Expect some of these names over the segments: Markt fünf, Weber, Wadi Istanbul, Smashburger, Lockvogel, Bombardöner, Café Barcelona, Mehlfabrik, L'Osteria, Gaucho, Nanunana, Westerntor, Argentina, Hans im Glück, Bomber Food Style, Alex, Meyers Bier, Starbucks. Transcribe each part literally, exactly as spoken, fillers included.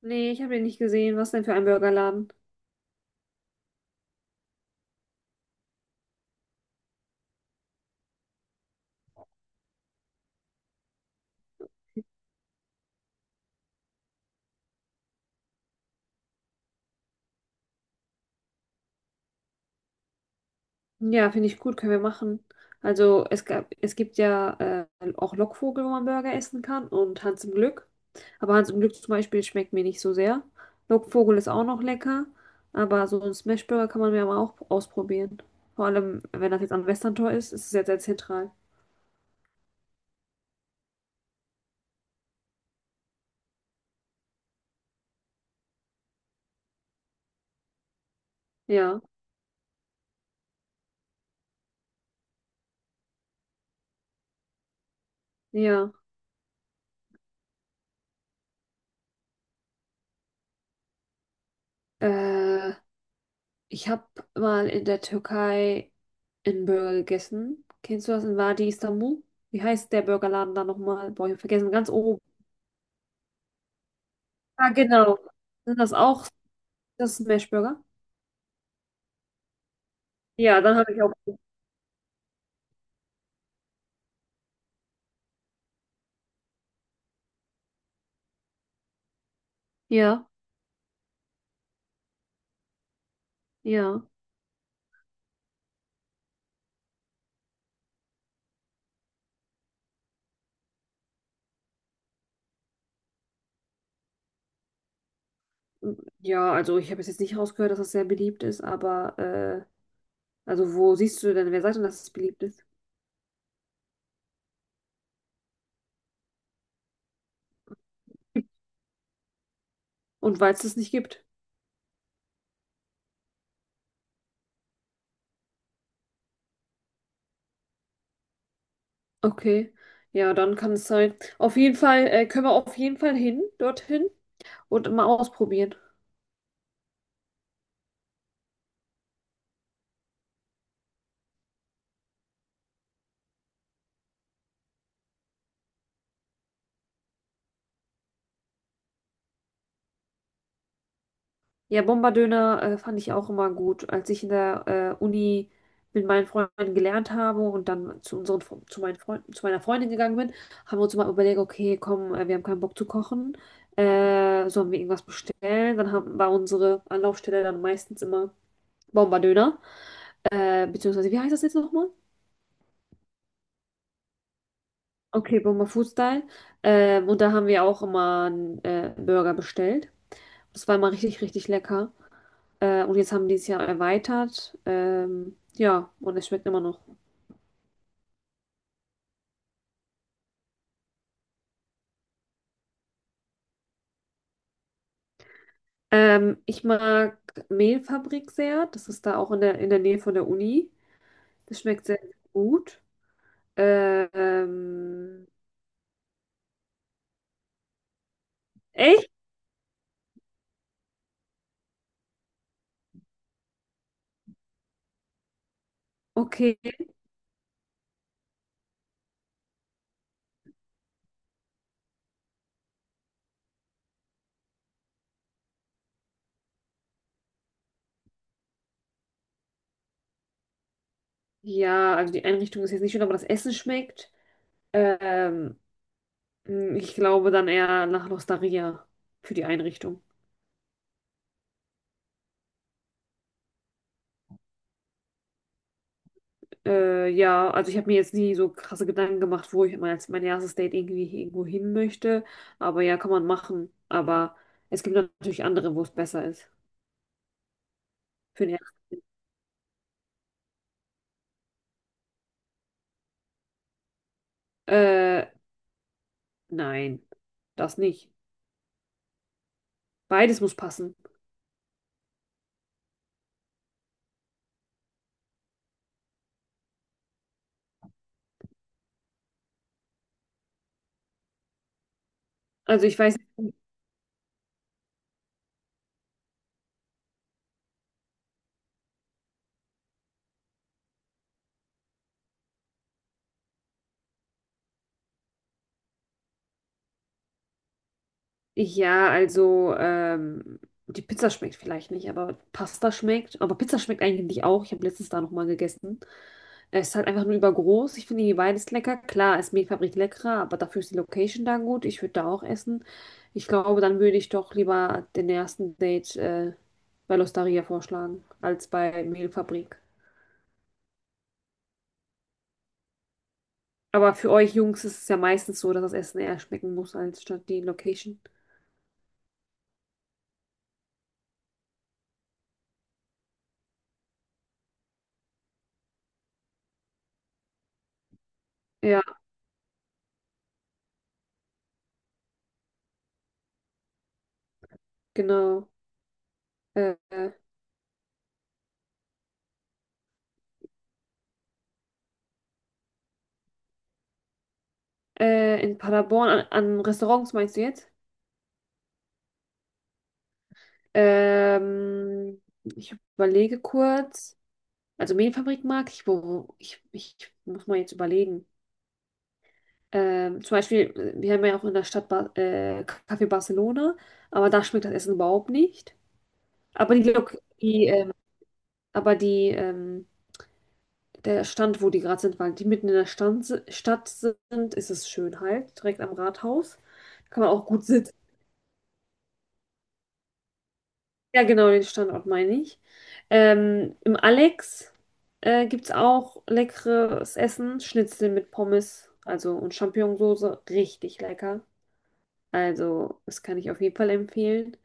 Nee, ich habe den nicht gesehen. Was denn für ein Burgerladen? Ja, finde ich gut, können wir machen. Also es gab, es gibt ja äh, auch Lockvogel, wo man Burger essen kann und Hans im Glück. Aber Hans im Glück zum Beispiel schmeckt mir nicht so sehr. Lockvogel ist auch noch lecker, aber so ein Smashburger kann man ja mal auch ausprobieren. Vor allem, wenn das jetzt am Westerntor ist, ist es ja sehr zentral. Ja, ja. Äh, Ich habe mal in der Türkei einen Burger gegessen. Kennst du das in Wadi Istanbul? Wie heißt der Burgerladen da nochmal? Boah, ich hab vergessen, ganz oben. Ah, genau. Sind das auch das Smashburger? Ja, dann habe ich auch. Ja, ja. Ja, also ich habe es jetzt nicht rausgehört, dass das sehr beliebt ist, aber äh, also wo siehst du denn, wer sagt denn, dass es beliebt ist? Und weil es das nicht gibt. Okay. Ja, dann kann es sein. Auf jeden Fall, äh, können wir auf jeden Fall hin, dorthin und mal ausprobieren. Ja, Bombardöner äh, fand ich auch immer gut. Als ich in der äh, Uni mit meinen Freunden gelernt habe und dann zu unseren, Fre- zu meinen Freunden, zu meiner Freundin gegangen bin, haben wir uns immer überlegt, okay, komm, äh, wir haben keinen Bock zu kochen, äh, sollen wir irgendwas bestellen? Dann haben, war unsere Anlaufstelle dann meistens immer Bombardöner, äh, beziehungsweise, wie heißt das jetzt nochmal? Okay, Bomber Food Style. Ähm, und da haben wir auch immer einen äh, Burger bestellt. Das war immer richtig, richtig lecker. Äh, und jetzt haben die es ja erweitert. Ähm, ja, und es schmeckt immer noch. Ähm, ich mag Mehlfabrik sehr. Das ist da auch in der, in der Nähe von der Uni. Das schmeckt sehr gut. Äh, Ähm, Echt? Okay. Ja, also die Einrichtung ist jetzt nicht schön, aber das Essen schmeckt. Ähm, mh, Ich glaube dann eher nach L'Osteria für die Einrichtung. Äh, ja, also ich habe mir jetzt nie so krasse Gedanken gemacht, wo ich mein, als mein erstes Date irgendwie irgendwo hin möchte. Aber ja, kann man machen. Aber es gibt natürlich andere, wo es besser ist. Für den Äh, nein, das nicht. Beides muss passen. Also ich weiß, ja, also ähm, die Pizza schmeckt vielleicht nicht, aber Pasta schmeckt. Aber Pizza schmeckt eigentlich auch. Ich habe letztens da nochmal gegessen. Es ist halt einfach nur übergroß. Ich finde die beides lecker. Klar, ist Mehlfabrik leckerer, aber dafür ist die Location da gut. Ich würde da auch essen. Ich glaube, dann würde ich doch lieber den ersten Date äh, bei L'Osteria vorschlagen, als bei Mehlfabrik. Aber für euch Jungs ist es ja meistens so, dass das Essen eher schmecken muss, als statt die Location. Ja, genau. Äh, äh, äh, in Paderborn, an, an Restaurants meinst du jetzt? Ähm, Ich überlege kurz. Also Mehlfabrik mag ich, wo ich, ich muss mal jetzt überlegen. Ähm, zum Beispiel, äh, wir haben ja auch in der Stadt ba äh, Café Barcelona, aber da schmeckt das Essen überhaupt nicht. Aber die, Lok die, ähm, aber die ähm, Der Stand, wo die gerade sind, weil die mitten in der Stand, si- Stadt sind, ist es schön halt, direkt am Rathaus. Da kann man auch gut sitzen. Ja, genau, den Standort meine ich. Ähm, im Alex äh, gibt es auch leckeres Essen, Schnitzel mit Pommes, also und Champignonsauce, richtig lecker. Also, das kann ich auf jeden Fall empfehlen.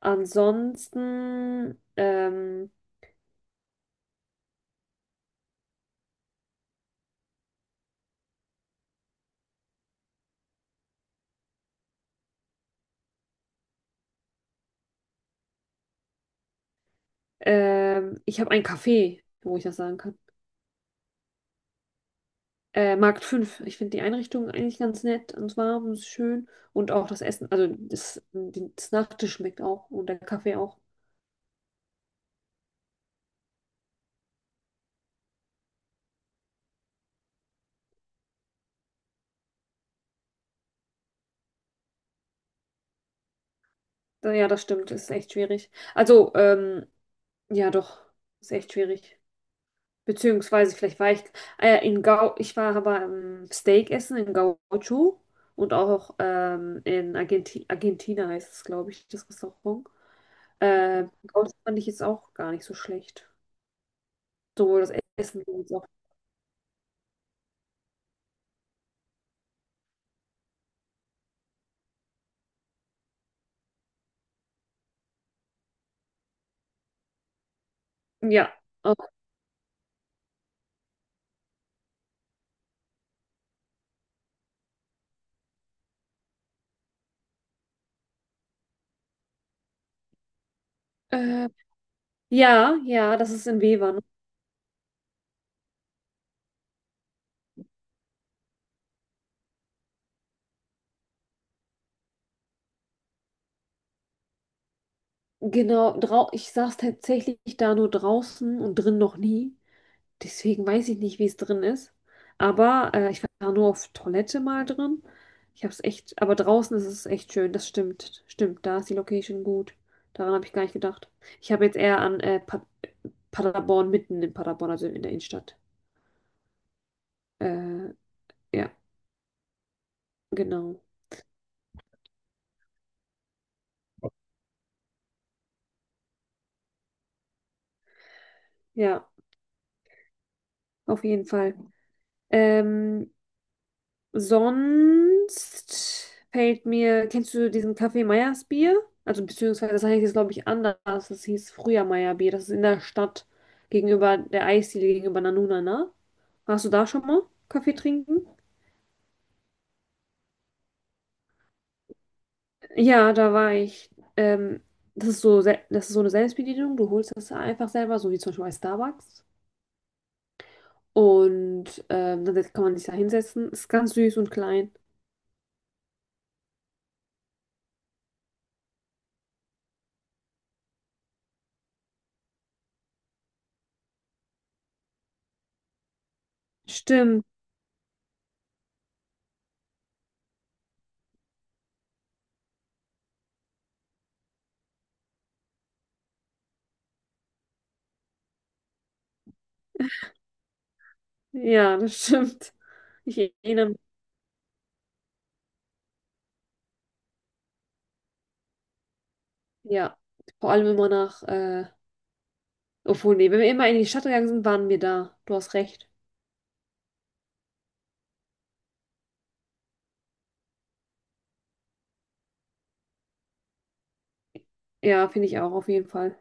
Ansonsten, ähm, ähm, ich habe ein Café, wo ich das sagen kann. Äh, Markt fünf. Ich finde die Einrichtung eigentlich ganz nett und warm und schön. Und auch das Essen, also das, das Nachtisch schmeckt auch und der Kaffee auch. Ja, das stimmt, ist echt schwierig. Also, ähm, ja, doch, ist echt schwierig. Beziehungsweise, vielleicht war ich, ah ja, in Gau, ich war aber ähm, Steak essen in Gaucho und auch ähm, in Argenti Argentina heißt es, glaube ich, das Restaurant. Äh, Gaucho fand ich jetzt auch gar nicht so schlecht. Sowohl das Essen als auch. Ja, auch. Äh, ja, ja, das ist in Weber, ne? Genau, drau ich saß tatsächlich da nur draußen und drin noch nie. Deswegen weiß ich nicht, wie es drin ist. Aber äh, ich war nur auf Toilette mal drin. Ich habe es echt, aber draußen ist es echt schön. Das stimmt. Stimmt, da ist die Location gut. Daran habe ich gar nicht gedacht. Ich habe jetzt eher an äh, pa Paderborn, mitten in Paderborn, also in der Innenstadt. Äh, ja, genau. Ja, auf jeden Fall. Ähm, Sonst fällt mir, kennst du diesen Kaffee Meyers Bier? Also beziehungsweise das heißt jetzt, glaube ich, anders. Das hieß früher Meyer Bier. Das ist in der Stadt gegenüber der Eisdiele gegenüber Nanunana. Warst du da schon mal Kaffee trinken? Ja, da war ich. Ähm, Das ist so, sel- das ist so eine Selbstbedienung. Du holst das einfach selber, so wie zum Beispiel bei Starbucks. Und ähm, dann kann man sich da hinsetzen. Ist ganz süß und klein. Stimmt. Ja, das stimmt. Ich erinnere Ja, vor allem immer nach, äh, obwohl, nee, wenn wir immer in die Stadt gegangen sind, waren wir da. Du hast recht. Ja, finde ich auch, auf jeden Fall.